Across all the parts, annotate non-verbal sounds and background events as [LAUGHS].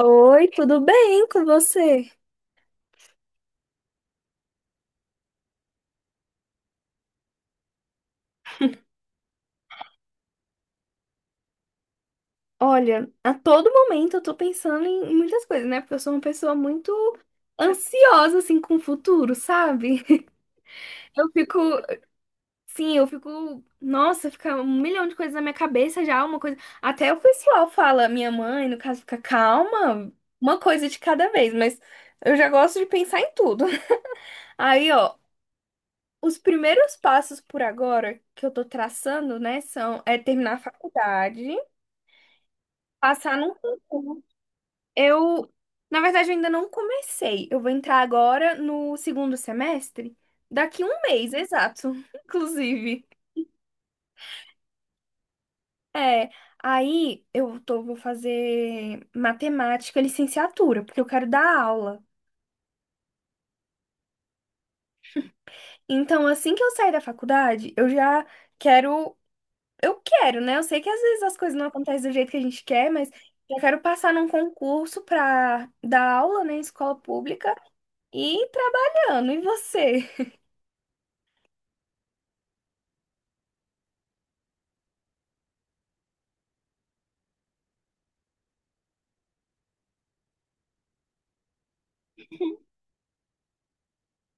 Oi, tudo bem com você? Olha, a todo momento eu tô pensando em muitas coisas, né? Porque eu sou uma pessoa muito ansiosa, assim, com o futuro, sabe? [LAUGHS] Eu fico, sim, eu fico, nossa, fica um milhão de coisas na minha cabeça já, uma coisa. Até o pessoal fala, minha mãe, no caso, fica calma, uma coisa de cada vez, mas eu já gosto de pensar em tudo. [LAUGHS] Aí, ó, os primeiros passos por agora que eu tô traçando, né, são é terminar a faculdade. Passar num concurso. Eu, Na verdade, eu ainda não comecei. Eu vou entrar agora no segundo semestre, daqui um mês, exato, [LAUGHS] inclusive. É, aí vou fazer matemática, licenciatura, porque eu quero dar aula. Então, assim que eu sair da faculdade, quero, eu quero, né? Eu sei que às vezes as coisas não acontecem do jeito que a gente quer, mas eu quero passar num concurso pra dar aula, né, em escola pública e ir trabalhando. E você?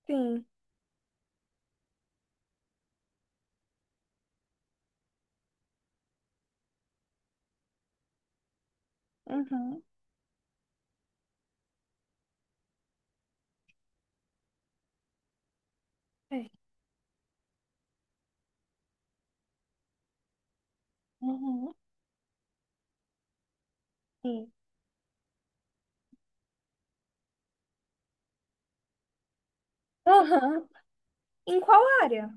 Sim. Uhum. É. Uhum. Sim. Aham. Em qual área?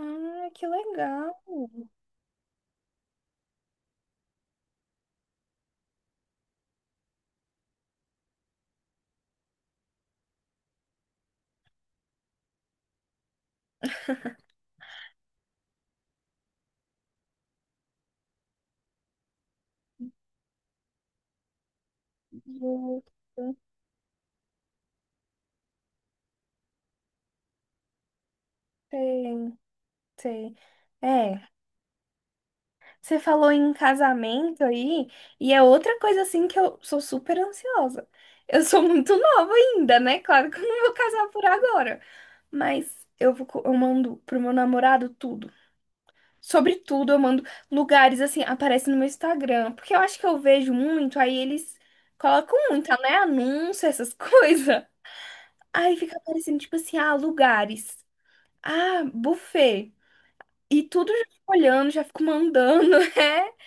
Ah, que legal. Justo. Sei, sei. É, você falou em casamento aí, e é outra coisa assim que eu sou super ansiosa. Eu sou muito nova ainda, né? Claro que eu não vou casar por agora, mas eu mando pro meu namorado tudo. Sobretudo, eu mando lugares assim, aparece no meu Instagram. Porque eu acho que eu vejo muito, aí eles colocam muito, né? Anúncio, essas [LAUGHS] coisas. Aí fica aparecendo, tipo assim, ah, lugares. Ah, buffet. E tudo eu já fico olhando, já fico mandando. [LAUGHS]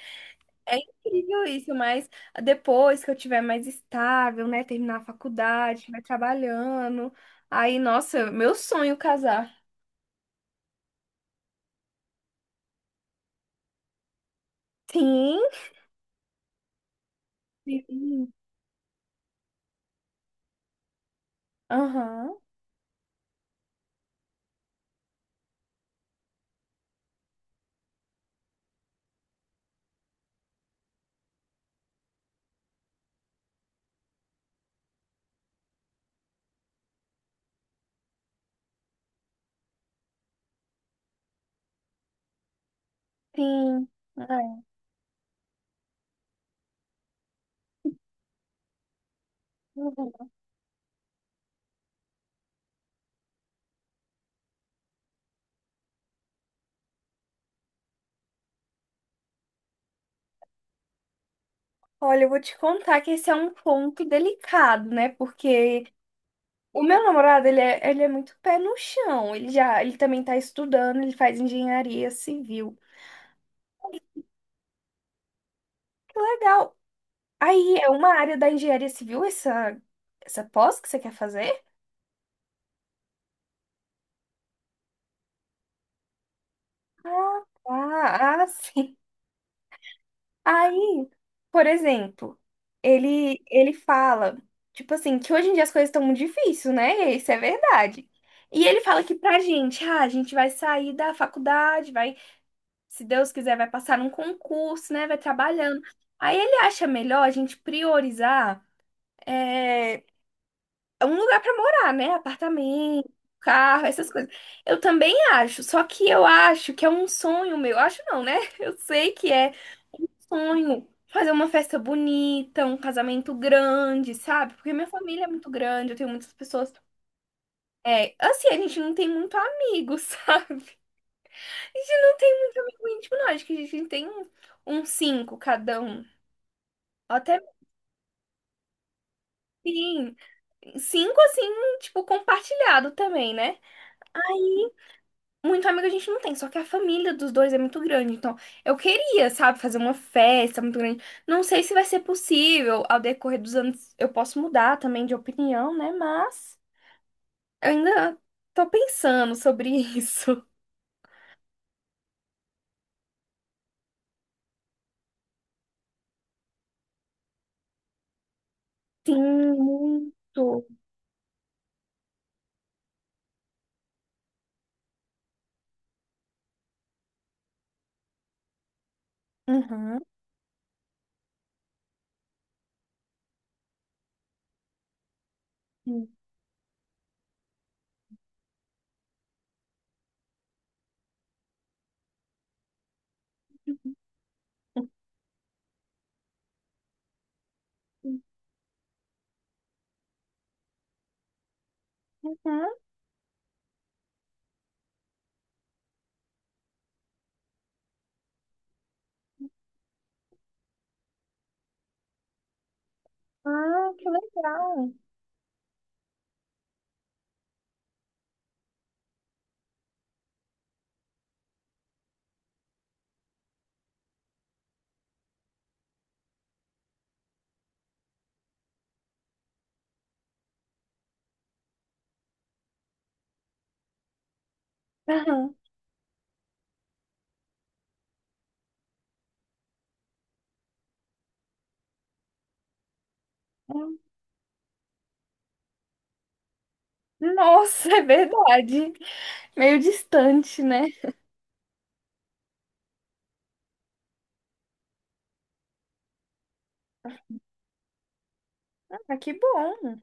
É, é incrível isso, mas depois que eu tiver mais estável, né? Terminar a faculdade, estiver trabalhando. Aí, nossa, meu sonho casar. Sim. Sim. Aham. Sim. Ai. Olha, eu vou te contar que esse é um ponto delicado, né? Porque o meu namorado, ele é muito pé no chão. Ele também tá estudando, ele faz engenharia civil. Que legal. Aí, é uma área da engenharia civil essa pós que você quer fazer? Ah, ah, ah, sim. Aí, por exemplo, ele fala, tipo assim, que hoje em dia as coisas estão muito difíceis, né? Isso é verdade. E ele fala que pra gente, ah, a gente vai sair da faculdade, vai se Deus quiser, vai passar num concurso, né? Vai trabalhando. Aí ele acha melhor a gente priorizar é, um lugar para morar, né? Apartamento, carro, essas coisas. Eu também acho, só que eu acho que é um sonho meu. Acho não, né? [LAUGHS] Eu sei que é sonho. Fazer uma festa bonita, um casamento grande, sabe? Porque minha família é muito grande, eu tenho muitas pessoas. É, assim, a gente não tem muito amigo, [LAUGHS] sabe? A gente não tem muito amigo íntimo, não. Acho que a gente tem uns cinco cada um. Até sim. Cinco, assim, tipo, compartilhado também, né? E muito amigo a gente não tem, só que a família dos dois é muito grande. Então, eu queria, sabe, fazer uma festa muito grande. Não sei se vai ser possível. Ao decorrer dos anos, eu posso mudar também de opinião, né? Mas eu ainda tô pensando sobre [LAUGHS] isso. Sim, muito. Uhum. Uhum. Uhum. Ah, que legal. Aham. Nossa, [LAUGHS] é verdade. Meio distante, né? Ah, que bom.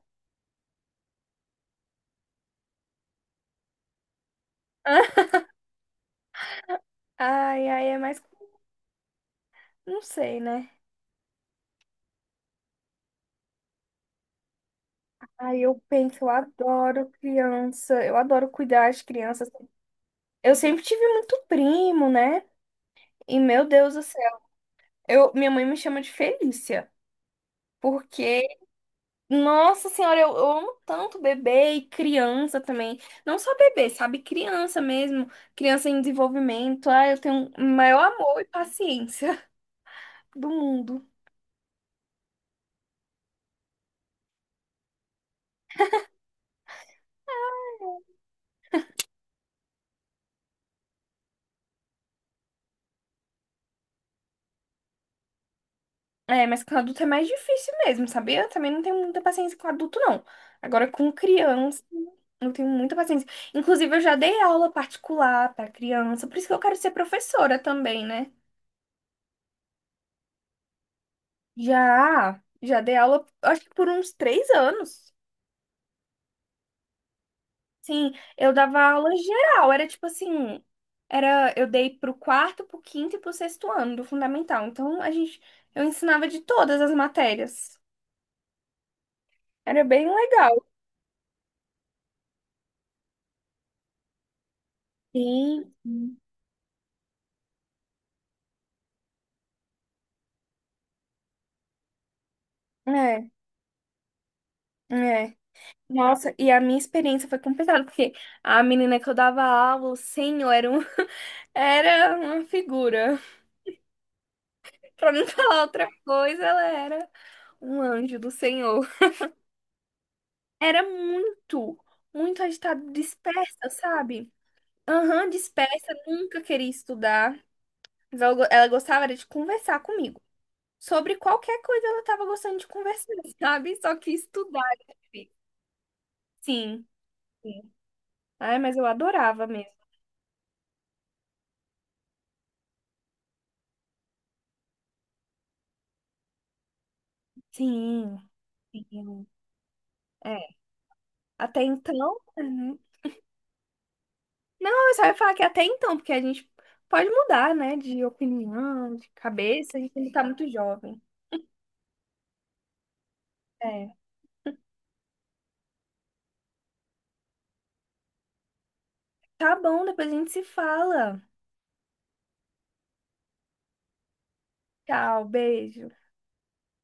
[LAUGHS] Ai, ai, é mais. Não sei, né? Ai, eu penso, eu adoro criança, eu adoro cuidar de crianças. Eu sempre tive muito primo, né? E meu Deus do céu, minha mãe me chama de Felícia. Porque, nossa senhora, eu amo tanto bebê e criança também. Não só bebê, sabe? Criança mesmo. Criança em desenvolvimento. Ai, eu tenho o maior amor e paciência [LAUGHS] do mundo. É, mas com adulto é mais difícil mesmo, sabia? Eu também não tenho muita paciência com adulto, não. Agora, com criança, eu tenho muita paciência. Inclusive, eu já dei aula particular para criança, por isso que eu quero ser professora também, né? Já dei aula, acho que por uns 3 anos. Sim, eu dava aula geral, era tipo assim, eu dei pro quarto, pro quinto e pro sexto ano do fundamental. Então, eu ensinava de todas as matérias. Era bem legal. Sim. É, é. Nossa, e a minha experiência foi complicada, porque a menina que eu dava aula, o senhor, [LAUGHS] era uma figura. Pra não falar outra coisa, ela era um anjo do Senhor. Era muito, muito agitada, dispersa, sabe? Aham, dispersa, nunca queria estudar. Mas ela gostava era de conversar comigo. Sobre qualquer coisa ela tava gostando de conversar, [LAUGHS] sabe? Só que estudar era difícil. Sim. Sim. Ai, mas eu adorava mesmo. Sim. Sim. Até então, uhum. Não, eu só ia falar que até então, porque a gente pode mudar, né, de opinião, de cabeça, a gente ainda tá muito jovem. É. Tá bom, depois a gente se fala. Tchau, beijo.